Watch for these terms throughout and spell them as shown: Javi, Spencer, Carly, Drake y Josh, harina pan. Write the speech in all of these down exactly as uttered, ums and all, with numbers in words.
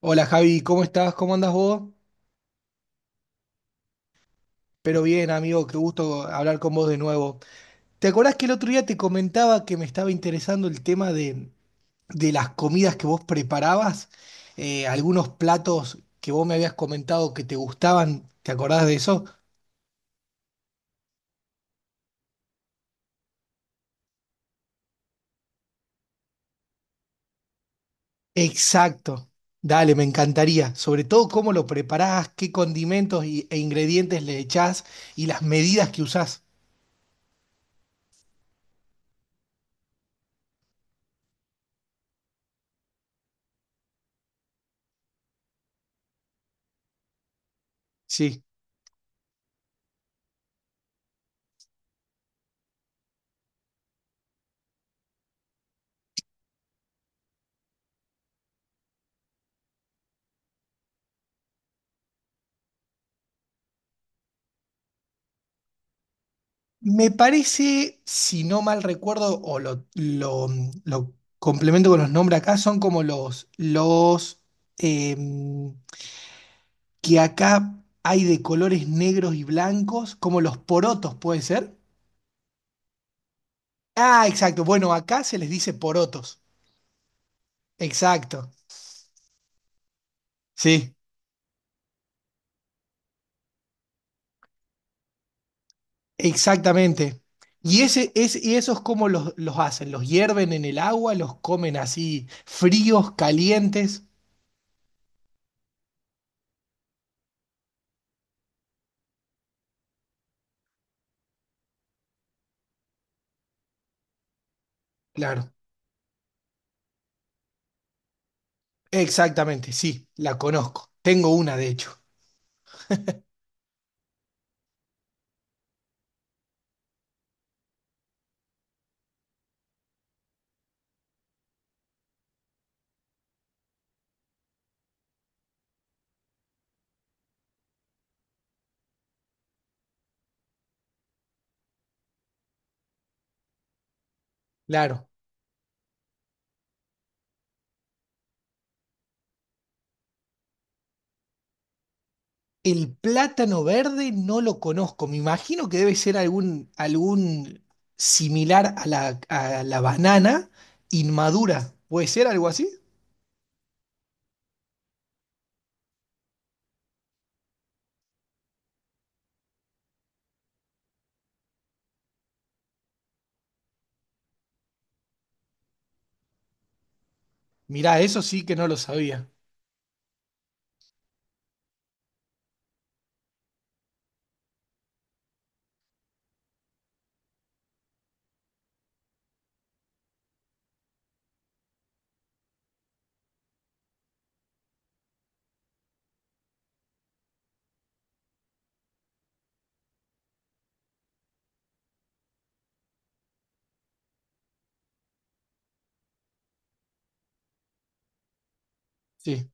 Hola Javi, ¿cómo estás? ¿Cómo andas vos? Pero bien, amigo, qué gusto hablar con vos de nuevo. ¿Te acordás que el otro día te comentaba que me estaba interesando el tema de, de las comidas que vos preparabas? Eh, algunos platos que vos me habías comentado que te gustaban, ¿te acordás de eso? Exacto. Dale, me encantaría. Sobre todo cómo lo preparás, qué condimentos y- e ingredientes le echás y las medidas que usás. Sí. Me parece, si no mal recuerdo, o lo, lo- lo complemento con los nombres acá, son como los, los em, que acá hay de colores negros y blancos, como los porotos, ¿puede ser? Ah, exacto. Bueno, acá se les dice porotos. Exacto. Sí, exactamente. Y, ese, es, y esos cómo los, los hacen, los hierven en el agua, los comen así fríos, calientes. Claro. Exactamente, sí, la conozco. Tengo una, de hecho. Claro. El plátano verde no lo conozco. Me imagino que debe ser algún, algún similar a la, a la banana inmadura. ¿Puede ser algo así? Mirá, eso sí que no lo sabía. Sí.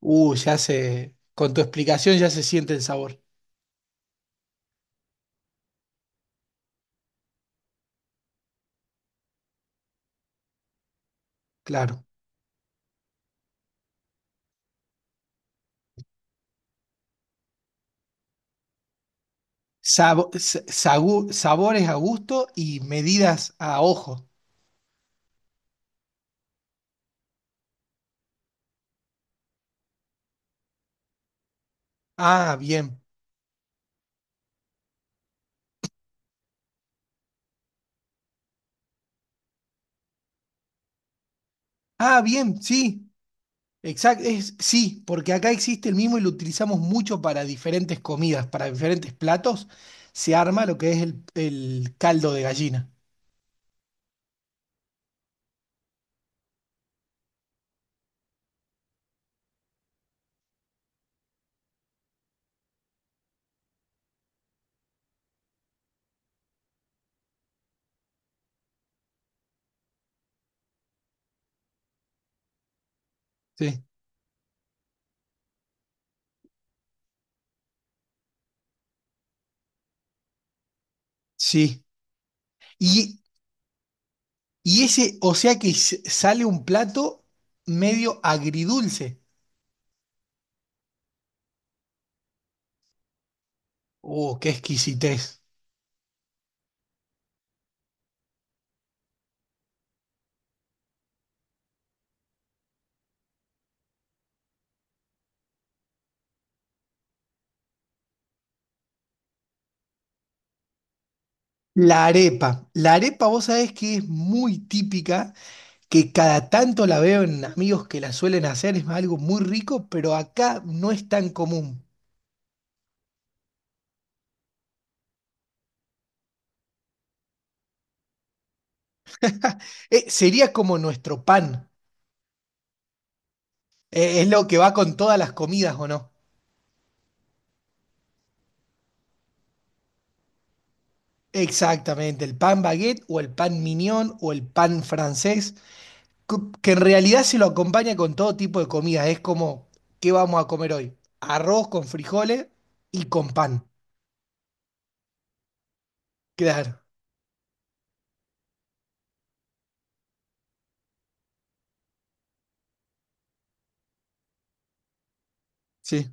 Uh, ya se. Con tu explicación ya se siente el sabor. Claro. Sabo- sa- sagu- sabores a gusto y medidas a ojo. Ah, bien. Ah, bien, sí. Exacto, es, sí, porque acá existe el mismo y lo utilizamos mucho para diferentes comidas, para diferentes platos, se arma lo que es el, el caldo de gallina. Sí, sí. Y, y ese, o sea que s- sale un plato medio agridulce. Oh, qué exquisitez. La arepa. La arepa, vos sabés que es muy típica, que cada tanto la veo en amigos que la suelen hacer, es algo muy rico, pero acá no es tan común. Eh, sería como nuestro pan. Eh, Es lo que va con todas las comidas, ¿o no? Exactamente, el pan baguette o el pan mignon o el pan francés, cu- que en realidad se lo acompaña con todo tipo de comida. Es como, ¿qué vamos a comer hoy? Arroz con frijoles y con pan. Claro, sí.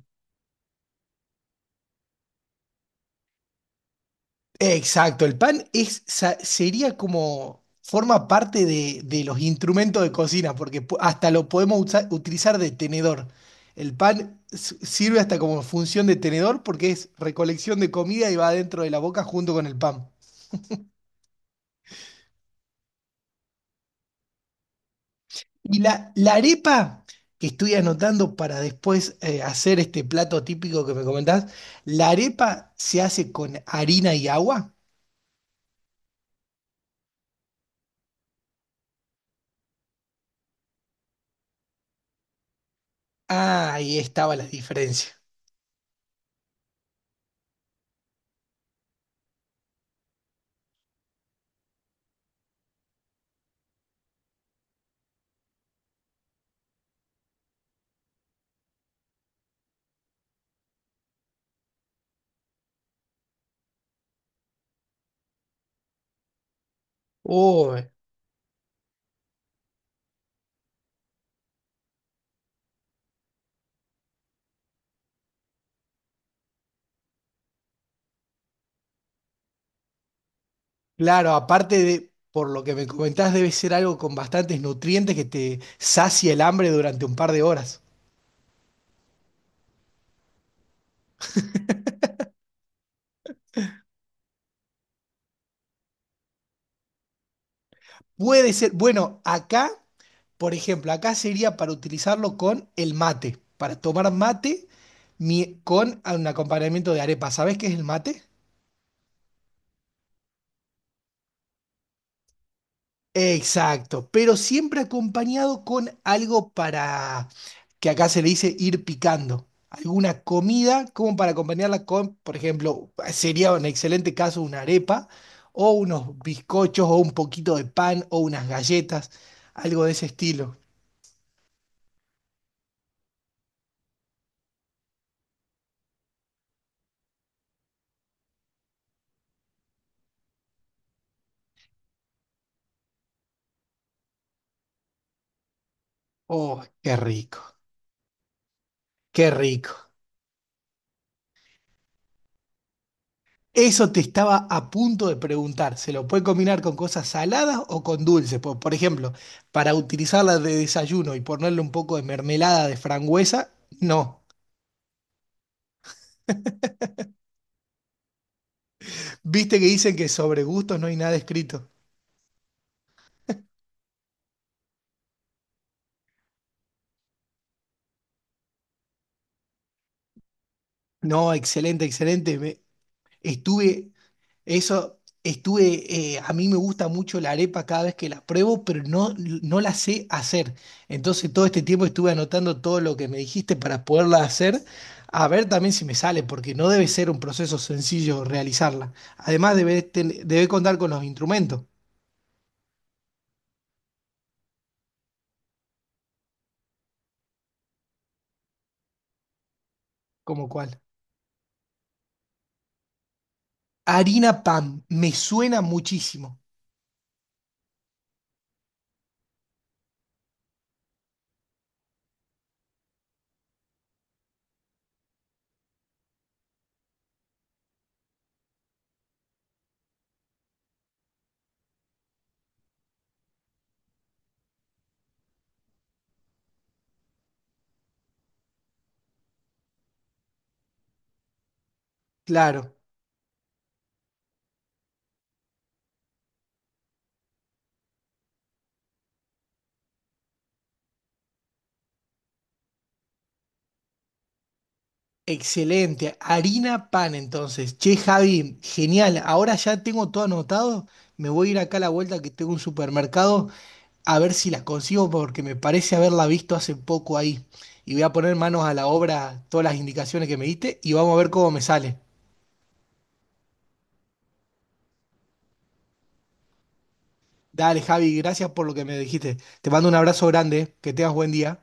Exacto, el pan es, sa- sería como, forma parte de, de los instrumentos de cocina, porque pu- hasta lo podemos usa- utilizar de tenedor. El pan s- sirve hasta como función de tenedor porque es recolección de comida y va dentro de la boca junto con el pan. Y la, la arepa, que estoy anotando para después eh, hacer este plato típico que me comentás, la arepa se hace con harina y agua. Ah, ahí estaba la diferencia. Claro, aparte de, por lo que me comentás, debe ser algo con bastantes nutrientes que te sacia el hambre durante un par de horas. Puede ser, bueno, acá, por ejemplo, acá sería para utilizarlo con el mate, para tomar mate mi- con un acompañamiento de arepa. ¿Sabés qué es el mate? Exacto, pero siempre acompañado con algo para, que acá se le dice ir picando, alguna comida como para acompañarla con, por ejemplo, sería un excelente caso una arepa o unos bizcochos o un poquito de pan o unas galletas, algo de ese estilo. Oh, qué rico, qué rico. Eso te estaba a punto de preguntar. ¿Se lo puede combinar con cosas saladas o con dulces? Por, por ejemplo, para utilizarla de desayuno y ponerle un poco de mermelada de frangüesa, no. Viste que dicen que sobre gustos no hay nada escrito. No, excelente, excelente. Me- estuve Eso Estuve, eh, a mí me gusta mucho la arepa cada vez que la pruebo, pero no, no la sé hacer. Entonces todo este tiempo estuve anotando todo lo que me dijiste para poderla hacer, a ver también si me sale, porque no debe ser un proceso sencillo realizarla. Además debe, ten- debe contar con los instrumentos, como cuál. Harina pan, me suena muchísimo, claro. Excelente, harina pan entonces. Che, Javi, genial. Ahora ya tengo todo anotado. Me voy a ir acá a la vuelta que tengo un supermercado a ver si las consigo porque me parece haberla visto hace poco ahí. Y voy a poner manos a la obra todas las indicaciones que me diste y vamos a ver cómo me sale. Dale, Javi, gracias por lo que me dijiste. Te mando un abrazo grande, que tengas buen día.